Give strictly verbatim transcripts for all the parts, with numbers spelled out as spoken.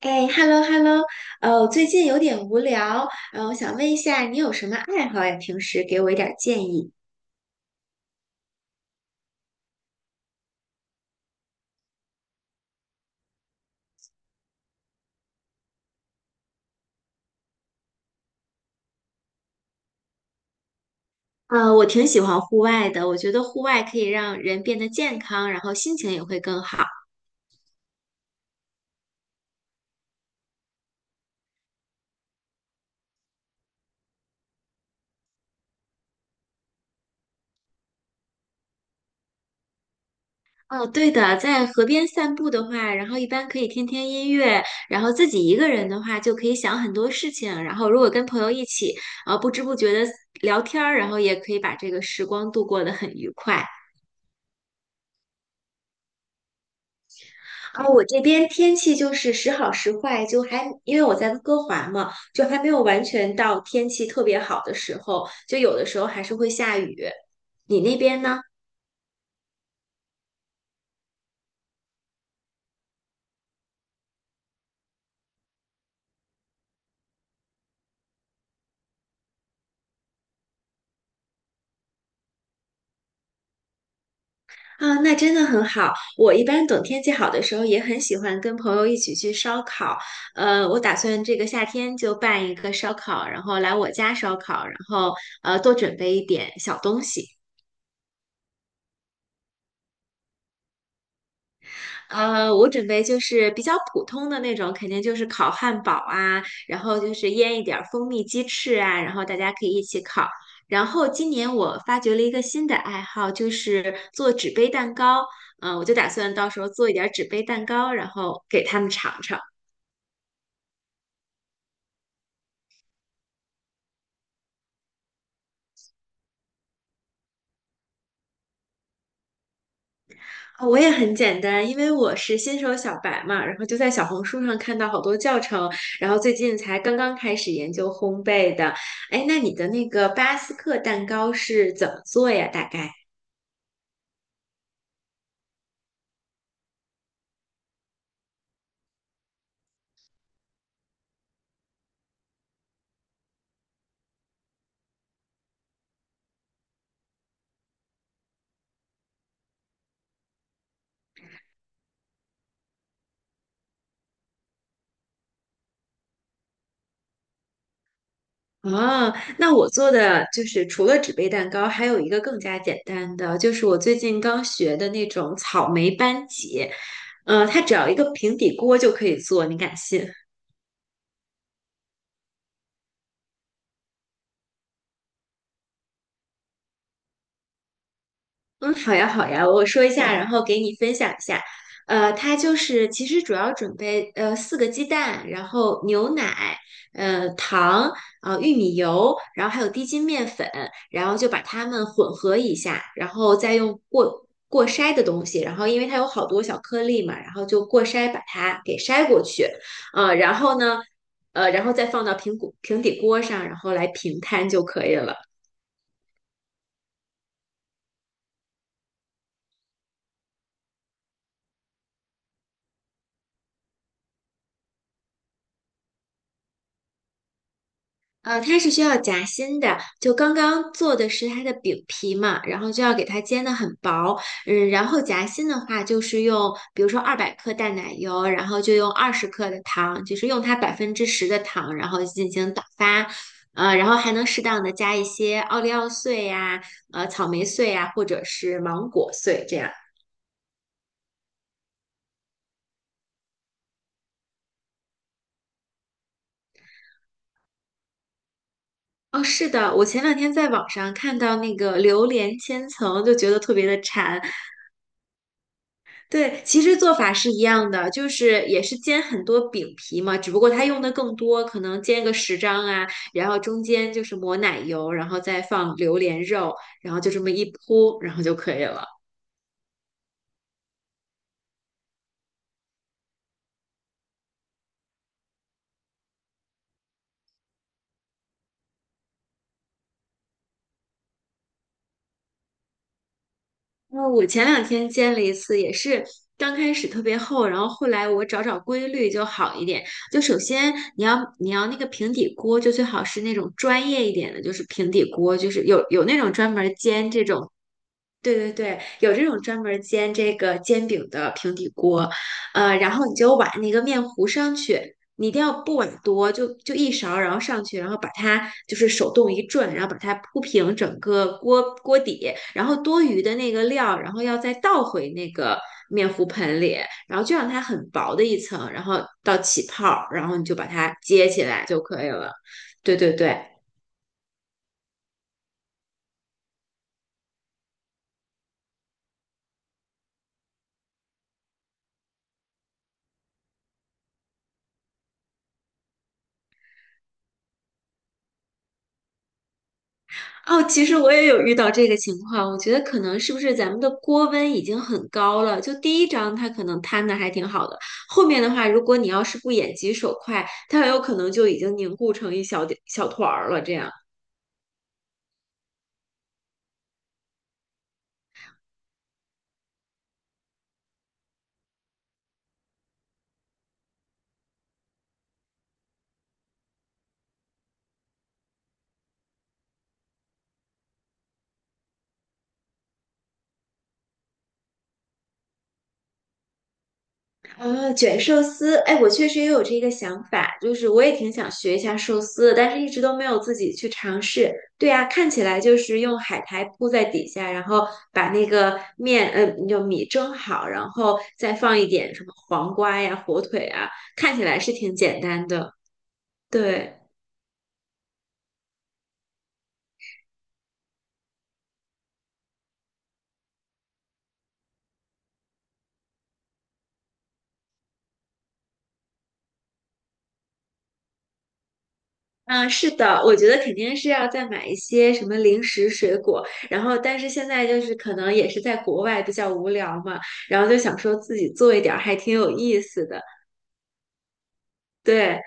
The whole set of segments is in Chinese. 哎，hello hello，呃，我最近有点无聊，呃，我想问一下，你有什么爱好呀？平时给我一点儿建议。呃，我挺喜欢户外的，我觉得户外可以让人变得健康，然后心情也会更好。哦，对的，在河边散步的话，然后一般可以听听音乐，然后自己一个人的话就可以想很多事情，然后如果跟朋友一起，呃，不知不觉的聊天儿，然后也可以把这个时光度过得很愉快。然后我这边天气就是时好时坏，就还因为我在温哥华嘛，就还没有完全到天气特别好的时候，就有的时候还是会下雨。你那边呢？啊，那真的很好。我一般等天气好的时候，也很喜欢跟朋友一起去烧烤。呃，我打算这个夏天就办一个烧烤，然后来我家烧烤，然后呃多准备一点小东西。呃，我准备就是比较普通的那种，肯定就是烤汉堡啊，然后就是腌一点儿蜂蜜鸡翅啊，然后大家可以一起烤。然后今年我发掘了一个新的爱好，就是做纸杯蛋糕。嗯、我就打算到时候做一点儿纸杯蛋糕，然后给他们尝尝。啊，我也很简单，因为我是新手小白嘛，然后就在小红书上看到好多教程，然后最近才刚刚开始研究烘焙的。哎，那你的那个巴斯克蛋糕是怎么做呀？大概？哦，那我做的就是除了纸杯蛋糕，还有一个更加简单的，就是我最近刚学的那种草莓班戟，呃，它只要一个平底锅就可以做，你敢信？嗯，好呀，好呀，我说一下，然后给你分享一下。呃，它就是其实主要准备呃四个鸡蛋，然后牛奶，呃糖，呃玉米油，然后还有低筋面粉，然后就把它们混合一下，然后再用过过筛的东西，然后因为它有好多小颗粒嘛，然后就过筛把它给筛过去，呃，然后呢，呃，然后再放到平锅平底锅上，然后来平摊就可以了。呃，它是需要夹心的，就刚刚做的是它的饼皮嘛，然后就要给它煎的很薄，嗯，然后夹心的话就是用，比如说二百克淡奶油，然后就用二十克的糖，就是用它百分之十的糖，然后进行打发，呃，然后还能适当的加一些奥利奥碎呀、呃，草莓碎呀、或者是芒果碎这样。哦，是的，我前两天在网上看到那个榴莲千层，就觉得特别的馋，对，其实做法是一样的，就是也是煎很多饼皮嘛，只不过它用的更多，可能煎个十张啊，然后中间就是抹奶油，然后再放榴莲肉，然后就这么一铺，然后就可以了。那我前两天煎了一次，也是刚开始特别厚，然后后来我找找规律就好一点。就首先你要你要那个平底锅，就最好是那种专业一点的，就是平底锅，就是有有那种专门煎这种对对对，有这种专门儿煎这个煎饼的平底锅，呃，然后你就把那个面糊上去，你一定要不碗多，就就一勺，然后上去，然后把它就是手动一转，然后把它铺平整个锅锅底，然后多余的那个料，然后要再倒回那个面糊盆里，然后就让它很薄的一层，然后到起泡儿，然后你就把它接起来就可以了。对对对。哦，其实我也有遇到这个情况，我觉得可能是不是咱们的锅温已经很高了？就第一张它可能摊的还挺好的，后面的话，如果你要是不眼疾手快，它很有可能就已经凝固成一小点小团儿了，这样。啊，卷寿司，哎，我确实也有这个想法，就是我也挺想学一下寿司的但是一直都没有自己去尝试。对啊，看起来就是用海苔铺在底下，然后把那个面，呃，就米蒸好，然后再放一点什么黄瓜呀、火腿啊，看起来是挺简单的。对，嗯，是的，我觉得肯定是要再买一些什么零食、水果，然后但是现在就是可能也是在国外比较无聊嘛。然后就想说自己做一点儿还挺有意思的，对，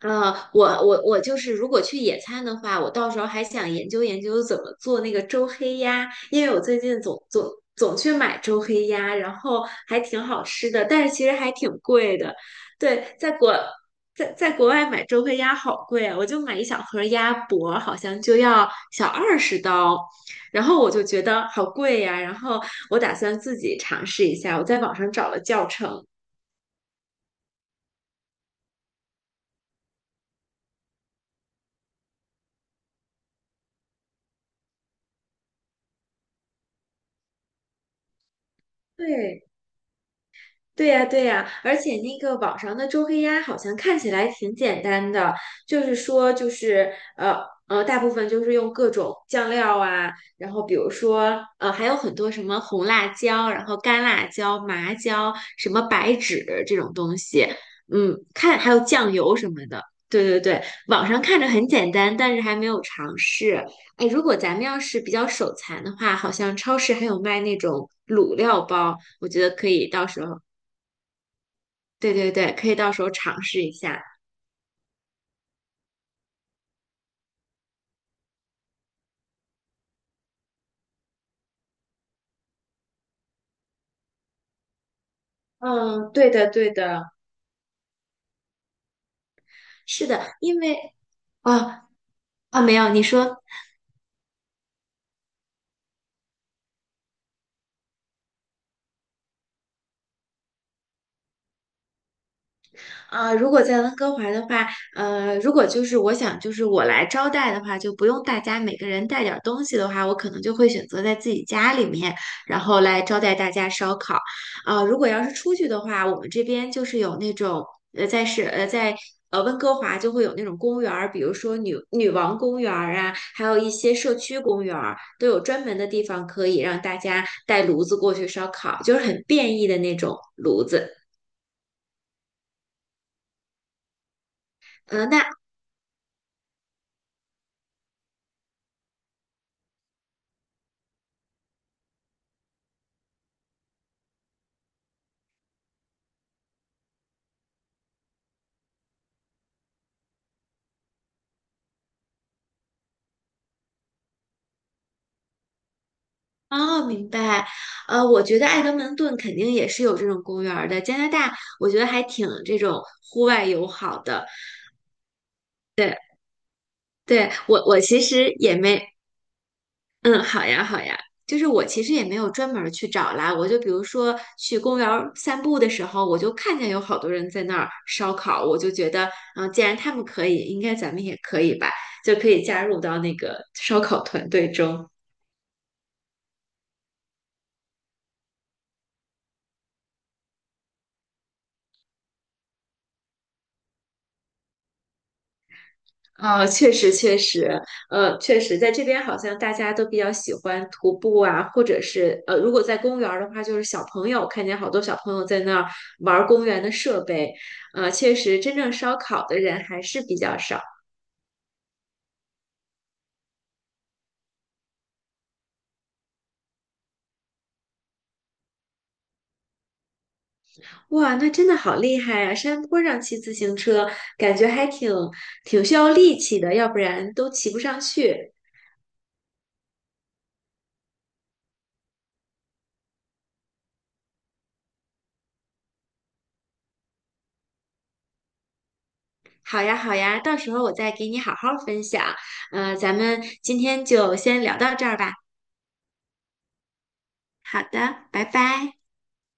呃，我我我就是，如果去野餐的话，我到时候还想研究研究怎么做那个周黑鸭，因为我最近总总总去买周黑鸭，然后还挺好吃的，但是其实还挺贵的。对，在国在在国外买周黑鸭好贵啊，我就买一小盒鸭脖，好像就要小二十刀，然后我就觉得好贵呀，然后我打算自己尝试一下，我在网上找了教程。对，对呀，对呀，而且那个网上的周黑鸭好像看起来挺简单的，就是说，就是呃呃，大部分就是用各种酱料啊，然后比如说呃，还有很多什么红辣椒，然后干辣椒、麻椒，什么白芷这种东西，嗯，看还有酱油什么的。对对对，网上看着很简单，但是还没有尝试。哎，如果咱们要是比较手残的话，好像超市还有卖那种卤料包。我觉得可以到时候对对对，可以到时候尝试一下。嗯，对的，对的。是的，因为啊啊，没有，你说。啊、如果在温哥华的话，呃，如果就是我想就是我来招待的话，就不用大家每个人带点儿东西的话，我可能就会选择在自己家里面，然后来招待大家烧烤。啊、如果要是出去的话，我们这边就是有那种呃，在是呃在呃温哥华就会有那种公园儿，比如说女女王公园儿啊，还有一些社区公园儿，都有专门的地方可以让大家带炉子过去烧烤，就是很便宜的那种炉子。呃，那哦，明白。呃，我觉得爱德蒙顿肯定也是有这种公园儿的。加拿大，我觉得还挺这种户外友好的。对，对，我我其实也没，嗯，好呀，好呀。就是我其实也没有专门儿去找啦，我就比如说去公园儿散步的时候，我就看见有好多人在那儿烧烤，我就觉得，嗯，既然他们可以，应该咱们也可以吧，就可以加入到那个烧烤团队中。啊，确实确实，呃，确实，在这边好像大家都比较喜欢徒步啊，或者是呃，如果在公园儿的话，就是小朋友，看见好多小朋友在那儿玩儿公园的设备，呃，确实，真正烧烤的人还是比较少。哇，那真的好厉害啊！山坡上骑自行车，感觉还挺挺需要力气的，要不然都骑不上去。好呀，好呀，到时候我再给你好好分享。呃，咱们今天就先聊到这儿吧。好的，拜拜。